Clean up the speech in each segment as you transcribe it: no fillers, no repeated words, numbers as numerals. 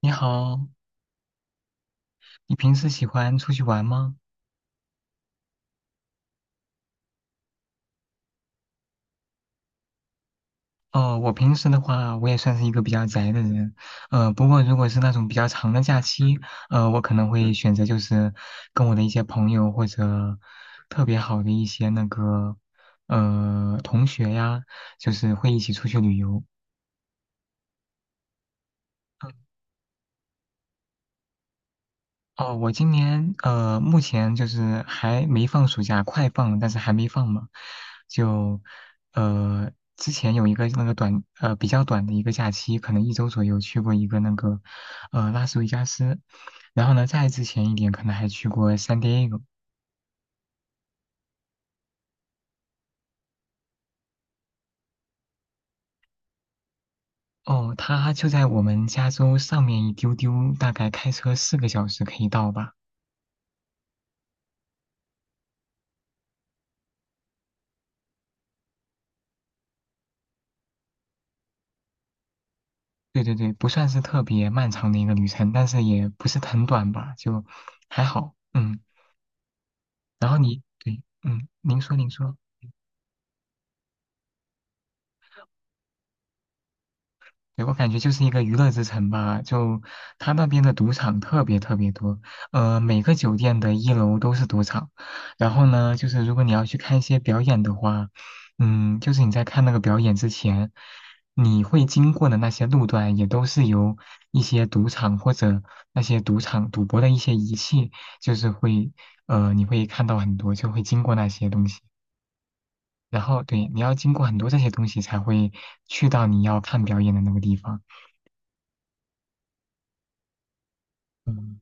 你好，你平时喜欢出去玩吗？哦，我平时的话，我也算是一个比较宅的人，不过如果是那种比较长的假期，我可能会选择就是跟我的一些朋友或者特别好的一些那个同学呀，就是会一起出去旅游。哦，我今年目前就是还没放暑假，快放，但是还没放嘛。就呃，之前有一个那个比较短的一个假期，可能一周左右去过一个那个拉斯维加斯，然后呢，再之前一点可能还去过 San Diego。哦，它就在我们加州上面一丢丢，大概开车4个小时可以到吧。对对对，不算是特别漫长的一个旅程，但是也不是很短吧，就还好。嗯。然后你对，嗯，您说，对，我感觉就是一个娱乐之城吧，就他那边的赌场特别特别多，每个酒店的一楼都是赌场，然后呢，就是如果你要去看一些表演的话，嗯，就是你在看那个表演之前，你会经过的那些路段也都是由一些赌场或者那些赌场赌博的一些仪器，就是会，你会看到很多，就会经过那些东西。然后对，你要经过很多这些东西才会去到你要看表演的那个地方。嗯，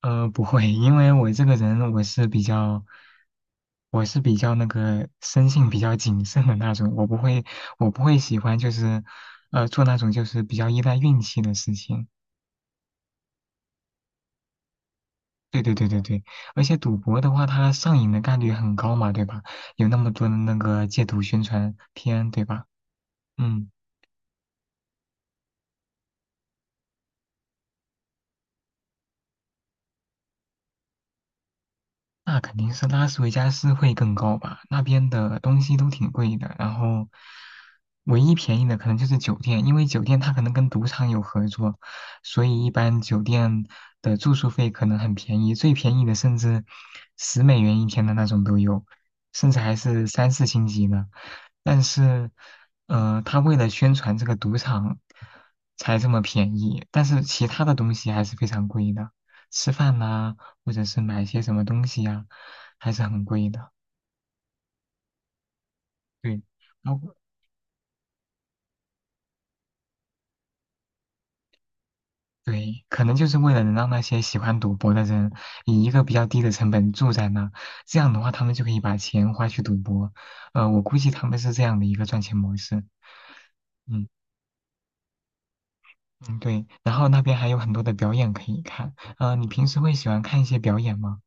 不会，因为我是比较那个生性比较谨慎的那种，我不会喜欢就是，做那种就是比较依赖运气的事情。对对对对对，而且赌博的话，它上瘾的概率很高嘛，对吧？有那么多的那个戒赌宣传片，对吧？嗯。那肯定是拉斯维加斯会更高吧，那边的东西都挺贵的，然后唯一便宜的可能就是酒店，因为酒店它可能跟赌场有合作，所以一般酒店的住宿费可能很便宜，最便宜的甚至十美元一天的那种都有，甚至还是三四星级的。但是，他为了宣传这个赌场才这么便宜，但是其他的东西还是非常贵的，吃饭呐、或者是买一些什么东西呀，还是很贵的。对，然后对，可能就是为了能让那些喜欢赌博的人以一个比较低的成本住在那，这样的话他们就可以把钱花去赌博。我估计他们是这样的一个赚钱模式。嗯嗯，对。然后那边还有很多的表演可以看。你平时会喜欢看一些表演吗？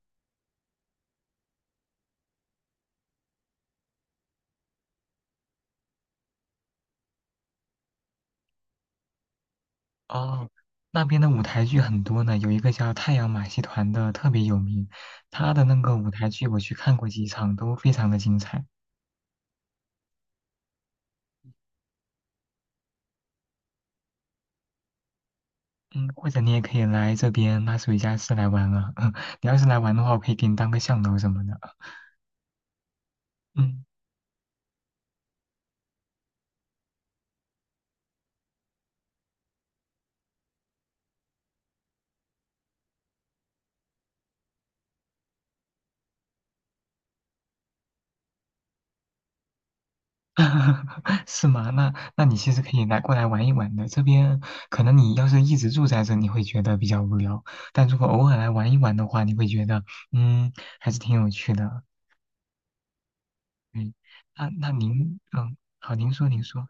哦，那边的舞台剧很多呢，有一个叫太阳马戏团的特别有名，他的那个舞台剧我去看过几场，都非常的精彩。嗯，或者你也可以来这边拉斯维加斯来玩啊，你要是来玩的话，我可以给你当个向导什么的啊。嗯，是吗？那你其实可以来过来玩一玩的。这边可能你要是一直住在这，你会觉得比较无聊，但如果偶尔来玩一玩的话，你会觉得嗯，还是挺有趣的。嗯，那您，嗯，好，您说，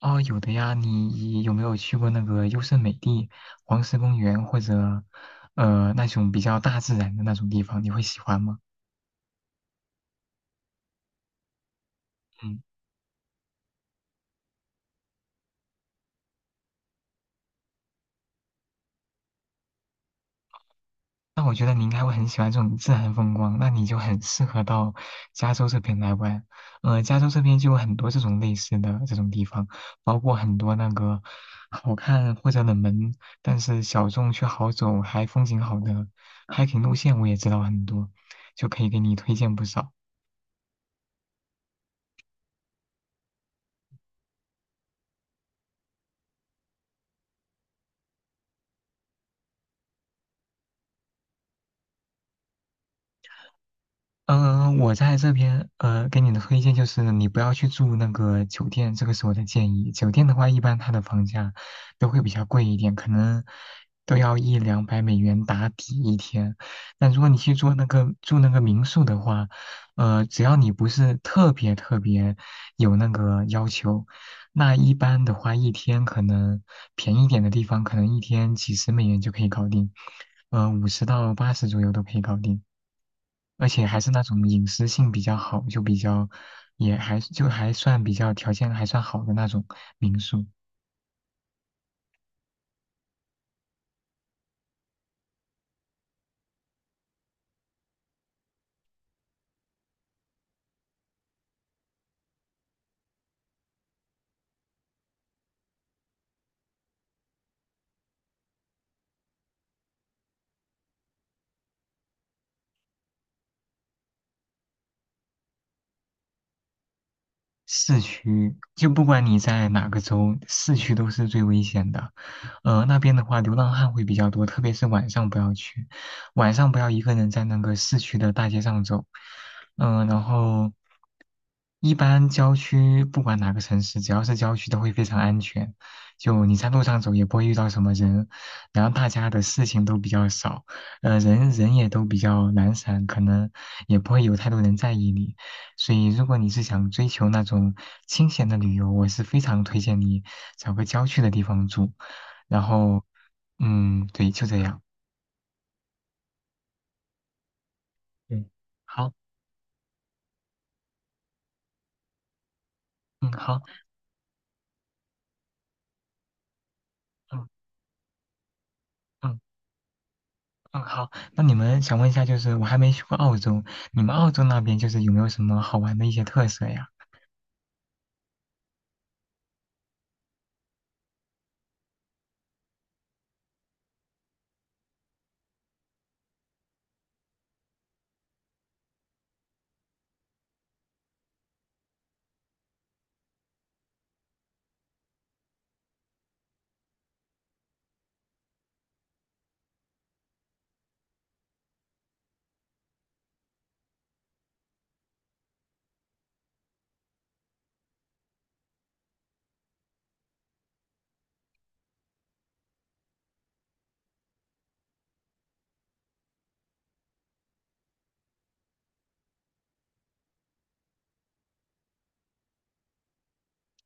哦，有的呀，你有没有去过那个优胜美地、黄石公园或者那种比较大自然的那种地方？你会喜欢吗？嗯。那我觉得你应该会很喜欢这种自然风光，那你就很适合到加州这边来玩。加州这边就有很多这种类似的这种地方，包括很多那个好看或者冷门，但是小众却好走还风景好的 hiking 路线，我也知道很多，就可以给你推荐不少。嗯，我在这边给你的推荐就是你不要去住那个酒店，这个是我的建议。酒店的话，一般它的房价都会比较贵一点，可能都要100到200美元打底一天。但如果你去住那个民宿的话，只要你不是特别特别有那个要求，那一般的话，一天可能便宜一点的地方，可能一天几十美元就可以搞定，50到80左右都可以搞定。而且还是那种隐私性比较好，就比较也还就还算比较条件还算好的那种民宿。市区就不管你在哪个州，市区都是最危险的。那边的话，流浪汉会比较多，特别是晚上不要去，晚上不要一个人在那个市区的大街上走。嗯、然后一般郊区不管哪个城市，只要是郊区都会非常安全，就你在路上走也不会遇到什么人，然后大家的事情都比较少，人人也都比较懒散，可能也不会有太多人在意你。所以，如果你是想追求那种清闲的旅游，我是非常推荐你找个郊区的地方住。然后，嗯，对，就这样。嗯，好，嗯，好，嗯嗯嗯，好。那你们想问一下，就是我还没去过澳洲，你们澳洲那边就是有没有什么好玩的一些特色呀？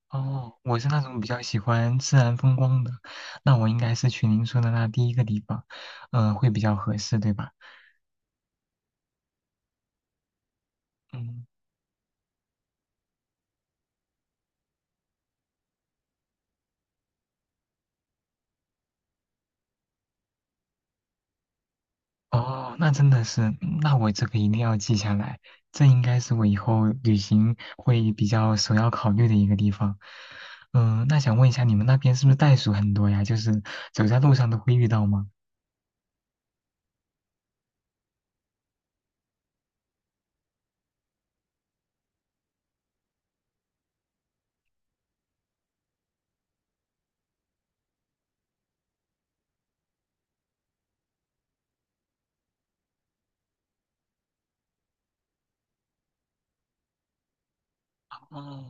哦，我是那种比较喜欢自然风光的，那我应该是去您说的那第一个地方，嗯、会比较合适，对吧？嗯。哦，那真的是，嗯那我这个一定要记下来，这应该是我以后旅行会比较首要考虑的一个地方。嗯，那想问一下，你们那边是不是袋鼠很多呀？就是走在路上都会遇到吗？哦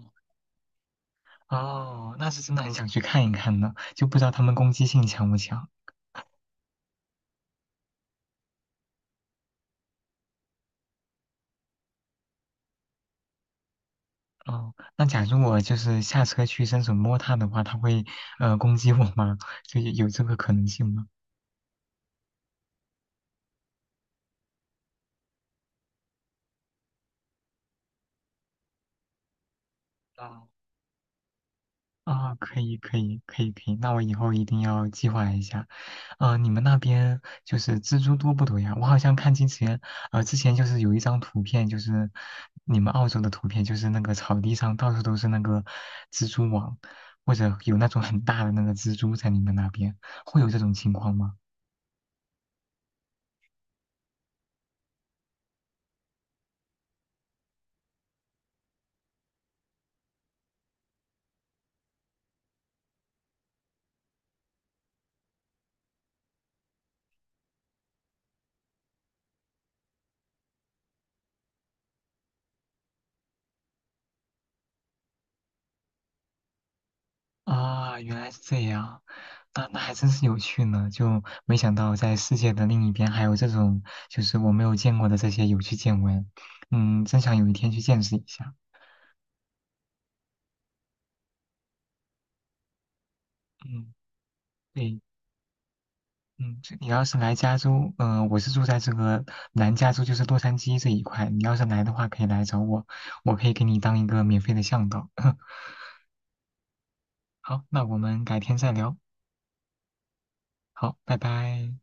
哦，那是真的很想去看一看呢，就不知道它们攻击性强不强。哦，那假如我就是下车去伸手摸它的话，它会攻击我吗？就有这个可能性吗？哦啊，可以，可以，可以，可以，那我以后一定要计划一下。你们那边就是蜘蛛多不多呀？我好像看之前，之前就是有一张图片，就是你们澳洲的图片，就是那个草地上到处都是那个蜘蛛网，或者有那种很大的那个蜘蛛在你们那边，会有这种情况吗？啊，原来是这样，那还真是有趣呢，就没想到在世界的另一边还有这种就是我没有见过的这些有趣见闻，嗯，真想有一天去见识一下。嗯，对，嗯，就你要是来加州，嗯，我是住在这个南加州，就是洛杉矶这一块，你要是来的话可以来找我，我可以给你当一个免费的向导。好，那我们改天再聊，好，拜拜。